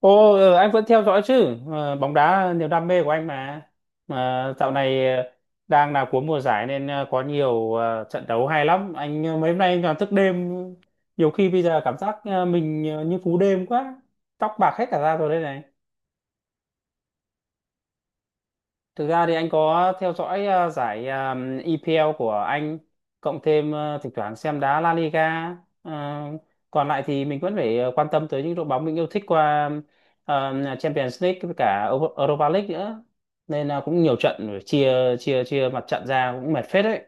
Ồ, anh vẫn theo dõi chứ. Ờ, bóng đá niềm đam mê của anh mà. Mà dạo này đang là cuối mùa giải nên có nhiều trận đấu hay lắm. Mấy hôm nay anh toàn thức đêm. Nhiều khi bây giờ cảm giác mình như phú đêm quá. Tóc bạc hết cả ra rồi đây này. Thực ra thì anh có theo dõi giải EPL của Anh, cộng thêm thỉnh thoảng xem đá La Liga. Ờ, còn lại thì mình vẫn phải quan tâm tới những đội bóng mình yêu thích qua Champions League với cả Europa League nữa. Nên là cũng nhiều trận chia chia chia mặt trận ra cũng mệt phết đấy.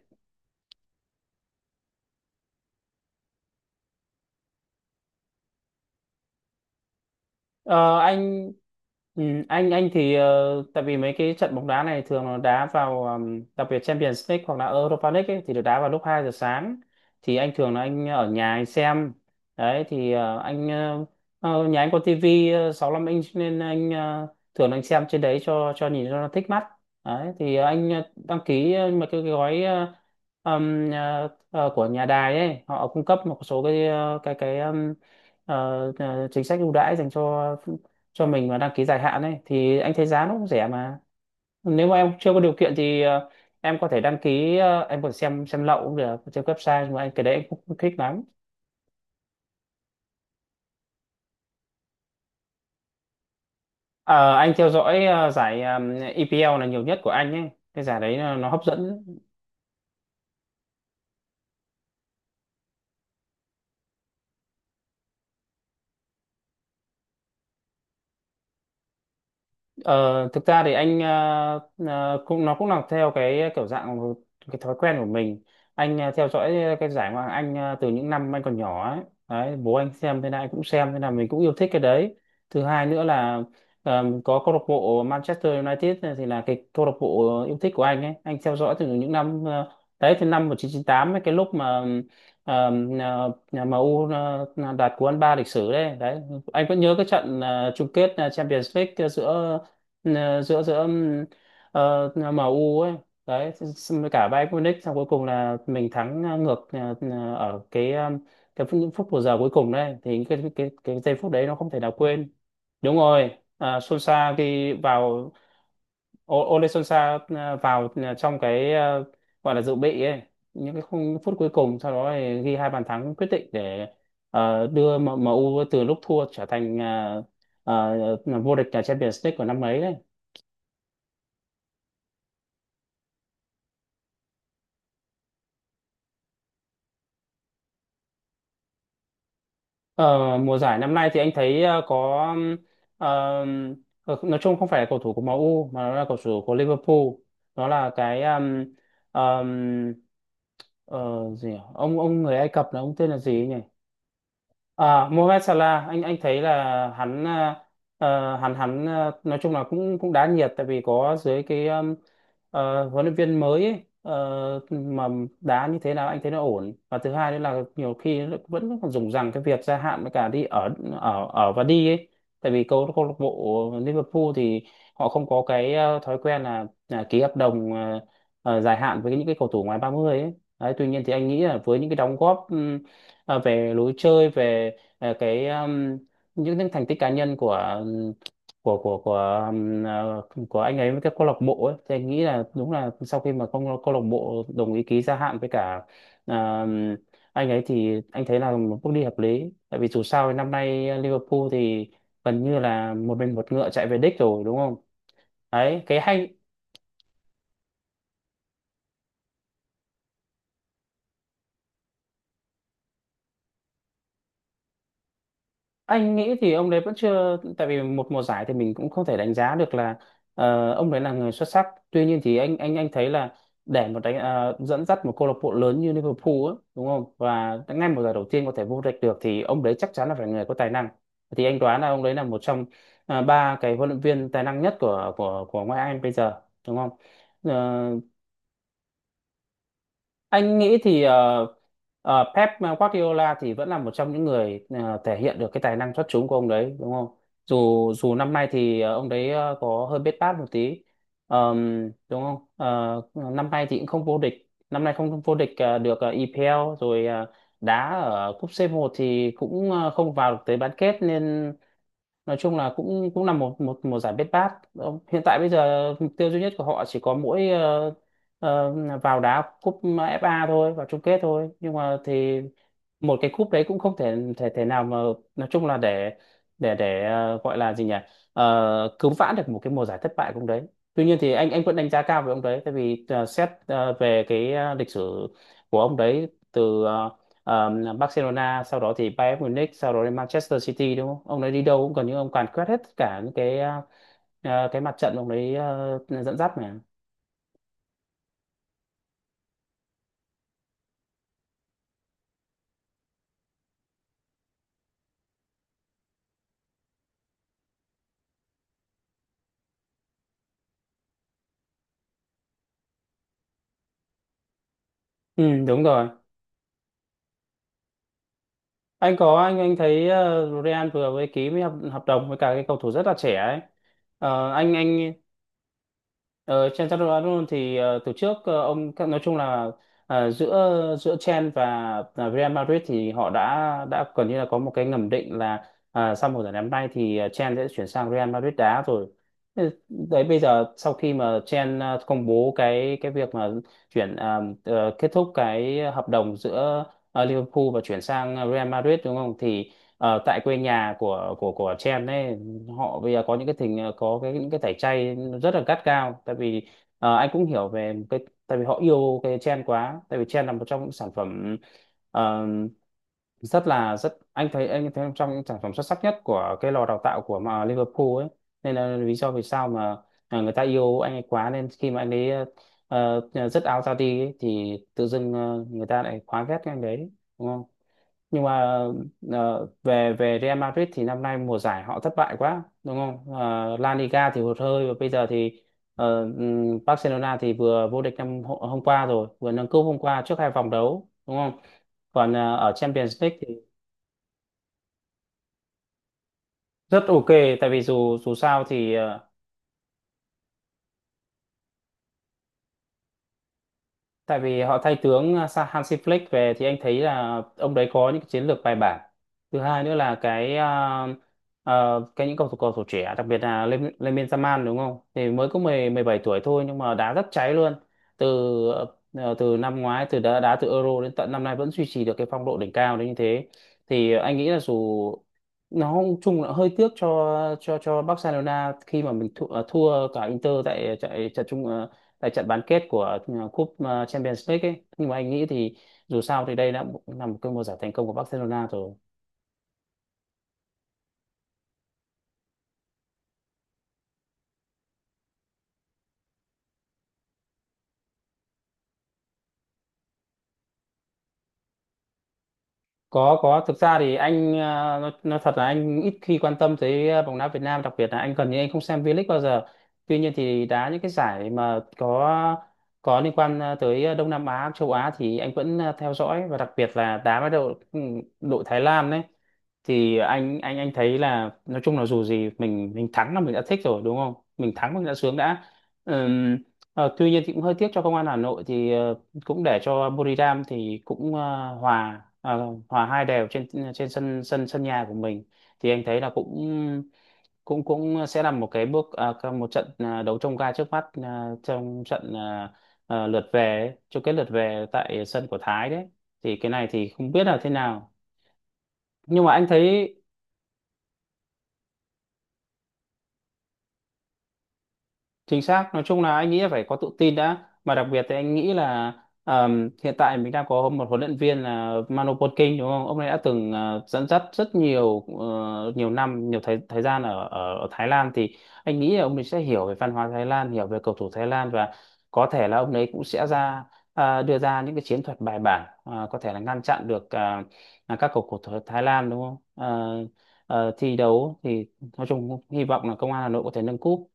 Ờ, anh ừ, anh thì tại vì mấy cái trận bóng đá này thường nó đá vào đặc biệt Champions League hoặc là Europa League ấy, thì được đá vào lúc 2 giờ sáng, thì anh thường là anh ở nhà anh xem. Đấy thì nhà anh có tivi 65 inch nên thường là anh xem trên đấy cho nhìn cho nó thích mắt. Đấy thì đăng ký một cái gói của nhà đài ấy, họ cung cấp một số cái cái ờ, chính sách ưu đãi dành cho mình mà đăng ký dài hạn ấy, thì anh thấy giá nó cũng rẻ mà. Nếu mà em chưa có điều kiện thì em có thể đăng ký, em còn xem lậu cũng được trên website, nhưng mà anh cái đấy anh cũng không thích lắm. Ờ, anh theo dõi giải EPL là nhiều nhất của anh ấy, cái giải đấy là nó hấp dẫn. Ờ, thực ra thì cũng nó cũng là theo cái kiểu dạng cái thói quen của mình. Theo dõi cái giải Ngoại hạng Anh từ những năm anh còn nhỏ ấy. Đấy, bố anh xem thế nào anh cũng xem thế nào, mình cũng yêu thích cái đấy. Thứ hai nữa là có câu lạc bộ Manchester United này, thì là cái câu lạc bộ yêu thích của anh ấy, anh theo dõi từ những năm đấy, từ năm 1998 ấy, cái lúc mà nhà nhà MU đạt cú ăn ba lịch sử đấy. Đấy anh vẫn nhớ cái trận chung kết Champions League giữa ờ, giữa giữa ờ, MU ấy, đấy xong với cả Bayern Munich, xong cuối cùng là mình thắng ờ, ngược ờ, ờ, ở cái ờ, cái phút- những phút bù giờ cuối cùng đấy, thì cái giây phút đấy nó không thể nào quên. Đúng rồi. À, Solskjaer khi vào. Ole Solskjaer vào trong cái, gọi là dự bị ấy, những cái khung phút cuối cùng, sau đó thì ghi hai bàn thắng quyết định để đưa MU từ lúc thua trở thành vô địch cả Champions League của năm ấy đấy. Ờ, mùa giải năm nay thì anh thấy ờm, nói chung không phải là cầu thủ của MU mà nó là cầu thủ của Liverpool. Nó là cái ờm, ờ, gì nhỉ? Ông người Ai Cập, là ông tên là gì nhỉ? À, Mohamed Salah. Anh thấy là hắn à, nói chung là cũng cũng đá nhiệt, tại vì có dưới cái huấn luyện viên mới ấy, mà đá như thế nào anh thấy nó ổn. Và thứ hai nữa là nhiều khi nó vẫn còn dùng rằng cái việc gia hạn với cả đi ở ở ở và đi ấy, tại vì câu câu lạc bộ Liverpool thì họ không có cái thói quen là ký hợp đồng dài hạn với những cái cầu thủ ngoài 30 ấy. Đấy, tuy nhiên thì anh nghĩ là với những cái đóng góp à, về lối chơi, về à, cái những thành tích cá nhân của của của của um, à, của anh ấy với các câu lạc bộ ấy, thì anh nghĩ là đúng là sau khi mà câu lạc bộ đồng ý ký gia hạn với cả um, anh ấy, thì anh thấy là một bước đi hợp lý, tại vì dù sao thì năm nay Liverpool thì gần như là một mình một ngựa chạy về đích rồi, đúng không? Đấy cái hay. Anh nghĩ thì ông đấy vẫn chưa, tại vì một mùa giải thì mình cũng không thể đánh giá được là ông đấy là người xuất sắc. Tuy nhiên thì anh thấy là để một đánh dẫn dắt một câu lạc bộ lớn như Liverpool á, đúng không, và ngay mùa giải đầu tiên có thể vô địch được, thì ông đấy chắc chắn là phải người có tài năng. Thì anh đoán là ông đấy là một trong ba cái huấn luyện viên tài năng nhất của ngoại hạng Anh bây giờ, đúng không? Ờ, anh nghĩ thì Pep Guardiola thì vẫn là một trong những người thể hiện được cái tài năng xuất chúng của ông đấy, đúng không? Dù dù năm nay thì ông đấy có hơi bết bát một tí. Đúng không? Ờ, năm nay thì cũng không vô địch, năm nay không vô địch được EPL rồi, đá ở cúp c một thì cũng không vào được tới bán kết, nên nói chung là cũng cũng là một một một giải bết bát. Ờ, hiện tại bây giờ mục tiêu duy nhất của họ chỉ có mỗi ờ, vào đá cúp FA thôi, vào chung kết thôi, nhưng mà thì một cái cúp đấy cũng không thể thể thể nào mà nói chung là để gọi là gì nhỉ, cứu vãn được một cái mùa giải thất bại của ông đấy. Tuy nhiên thì anh vẫn đánh giá cao về ông đấy, tại vì xét về cái lịch sử của ông đấy từ ờ, Barcelona, sau đó thì Bayern Munich, sau đó đến Manchester City, đúng không? Ông ấy đi đâu cũng gần như ông càn quét hết cả những cái cái mặt trận ông ấy dẫn dắt mà. Ừ, đúng rồi. Anh có, anh thấy Real vừa mới ký với hợp đồng với cả cái cầu thủ rất là trẻ ấy. Ờ, anh Ờ, Chen Chaturanga thì từ trước ông nói chung là, giữa giữa Chen và Real Madrid thì họ đã gần như là có một cái ngầm định là à, sau mùa giải năm nay thì Chen sẽ chuyển sang Real Madrid đá rồi. Ừ, đấy bây giờ sau khi mà Chen công bố cái việc mà chuyển à, kết thúc cái hợp đồng giữa Liverpool và chuyển sang Real Madrid, đúng không? Thì tại quê nhà của Chen ấy, họ bây giờ có những cái tình có cái những cái tẩy chay nó rất là gắt gao, tại vì anh cũng hiểu về cái, tại vì họ yêu cái trend quá, tại vì trend là một trong những sản phẩm ờ, rất là rất anh thấy trong sản phẩm xuất sắc nhất của cái lò đào tạo của mà Liverpool ấy. Nên là lý do vì sao mà à, người ta yêu anh ấy quá, nên khi mà anh ấy dứt áo ra đi ấy, thì tự dưng người ta lại quá ghét cái anh đấy, đúng không? Nhưng mà ờ, về về Real Madrid thì năm nay mùa giải họ thất bại quá, đúng không? Ờ, La Liga thì hụt hơi, và bây giờ thì Barcelona thì vừa vô địch năm hôm qua rồi, vừa nâng cúp hôm qua, trước hai vòng đấu, đúng không? Còn ở Champions League rất ok, tại vì dù dù sao thì tại vì họ thay tướng à, Hansi Flick về, thì anh thấy là ông đấy có những cái chiến lược bài bản. Thứ hai nữa là cái cái những cầu thủ trẻ, đặc biệt là Lemmin Yamal, đúng không, thì mới có mười 17 tuổi thôi, nhưng mà đá rất cháy luôn. Từ từ năm ngoái, từ đá đá từ Euro đến tận năm nay vẫn duy trì được cái phong độ đỉnh cao đến như thế. Thì anh nghĩ là dù nó cũng chung là hơi tiếc cho Barcelona khi mà mình thua cả Inter tại tại trận chung ờ, tại trận bán kết của cúp Champions League ấy, nhưng mà anh nghĩ thì dù sao thì đây đã là một cơn mùa giải thành công của Barcelona rồi. Có, có, thực ra thì nó thật là anh ít khi quan tâm tới bóng đá Việt Nam, đặc biệt là anh gần như anh không xem V-League bao giờ. Tuy nhiên thì đá những cái giải mà có liên quan tới Đông Nam Á, châu Á thì anh vẫn theo dõi, và đặc biệt là đá với đội Thái Lan đấy. Thì anh thấy là nói chung là dù gì mình thắng là mình đã thích rồi, đúng không? Mình thắng mình đã sướng đã. Ừm, Tuy nhiên thì cũng hơi tiếc cho Công an Hà Nội thì cũng để cho Buriram thì cũng hòa hai đều trên trên sân sân sân nhà của mình. Thì anh thấy là cũng cũng cũng sẽ là một cái bước à, cái- một trận đấu trông gai trước mắt, à, lượt về ấy, chung kết lượt về tại sân của Thái đấy. Thì cái này thì không biết là thế nào, nhưng mà anh thấy chính xác, nói chung là anh nghĩ là phải có tự tin đã, mà đặc biệt thì anh nghĩ là hiện tại mình đang có một huấn luyện viên là Manu Potkin, đúng không? Ông ấy đã từng dẫn dắt nhiều năm, nhiều thời thời gian ở, ở ở Thái Lan. Thì anh nghĩ là ông ấy sẽ hiểu về văn hóa Thái Lan, hiểu về cầu thủ Thái Lan, và có thể là ông ấy cũng sẽ đưa ra những cái chiến thuật bài bản, có thể là ngăn chặn được là các cầu thủ Thái Lan, đúng không? Ờ, Thi đấu thì nói chung hy vọng là Công an Hà Nội có thể nâng cúp.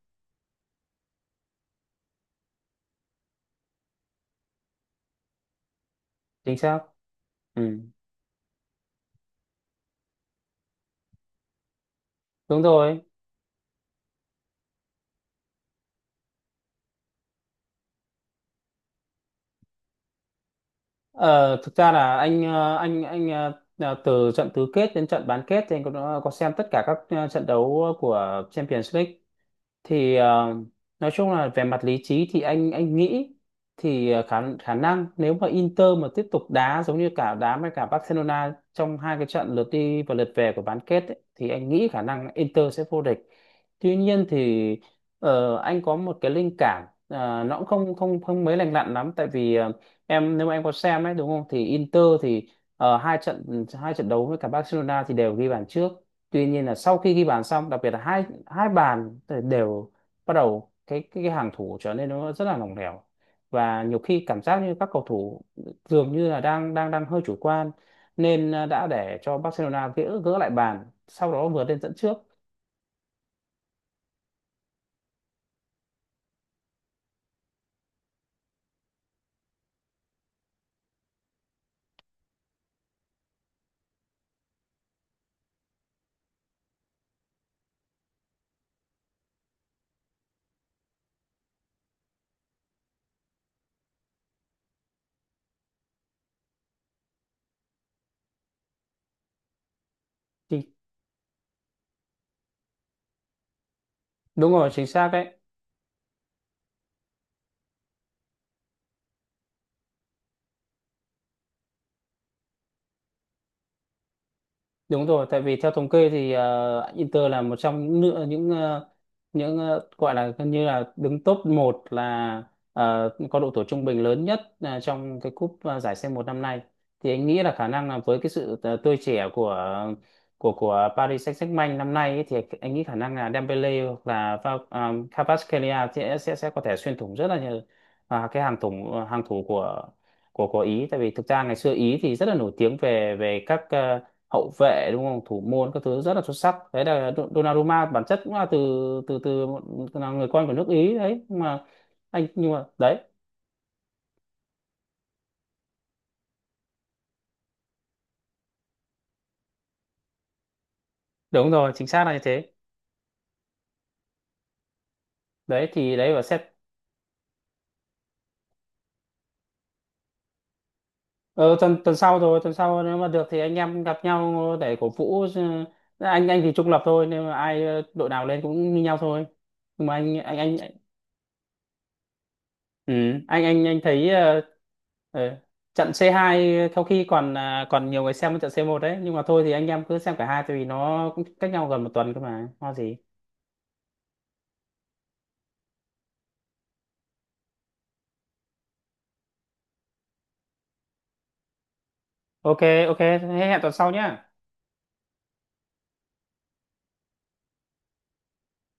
Chính xác. Ừ, đúng rồi. Ờ, Thực ra là anh ờ, là từ trận tứ kết đến trận bán kết thì anh có xem tất cả các trận đấu của Champions League. Thì nói chung là về mặt lý trí thì anh nghĩ thì khả khả năng nếu mà Inter mà tiếp tục đá giống như cả đá với cả Barcelona trong hai cái trận lượt đi và lượt về của bán kết ấy, thì anh nghĩ khả năng Inter sẽ vô địch. Tuy nhiên thì anh có một cái linh cảm nó cũng không không không mấy lành lặn lắm, tại vì em nếu mà em có xem ấy, đúng không, thì Inter thì hai trận đấu với cả Barcelona thì đều ghi bàn trước. Tuy nhiên là sau khi ghi bàn xong, đặc biệt là hai hai bàn thì đều bắt đầu cái hàng thủ trở nên nó rất là lỏng lẻo, và nhiều khi cảm giác như các cầu thủ dường như là đang đang đang hơi chủ quan, nên đã để cho Barcelona gỡ gỡ lại bàn, sau đó vượt lên dẫn trước. Thì đúng rồi, chính xác đấy. Đúng rồi, tại vì theo thống kê thì Inter là một trong những nữa những ờ, gọi là gần như là đứng top 1, là có độ tuổi trung bình lớn nhất trong cái cúp, giải C1 năm nay. Thì anh nghĩ là khả năng là với cái sự tươi trẻ của Paris Saint-Germain năm nay ấy, thì anh nghĩ khả năng là Dembele hoặc là Kvaratskhelia sẽ có thể xuyên thủng rất là nhiều, cái hàng thủ của Ý. Tại vì thực ra ngày xưa Ý thì rất là nổi tiếng về về các hậu vệ, đúng không, thủ môn các thứ rất là xuất sắc đấy. Là Donnarumma bản chất cũng là từ từ từ một là người con của nước Ý đấy. Nhưng mà đấy, đúng rồi, chính xác là như thế đấy. Thì đấy và xét. Ờ, tuần tuần sau rồi, tuần sau nếu mà được thì anh em gặp nhau để cổ vũ. Ờ, anh thì trung lập thôi nên mà đội nào lên cũng như nhau thôi. Nhưng mà anh Ừ, anh thấy ờ, trận C2 sau khi còn à, còn nhiều người xem hơn trận C1 đấy. Nhưng mà thôi thì anh em cứ xem cả hai, tại vì nó cũng cách nhau gần một tuần cơ mà lo gì. Ok, ok thế, hẹn tuần sau nhá.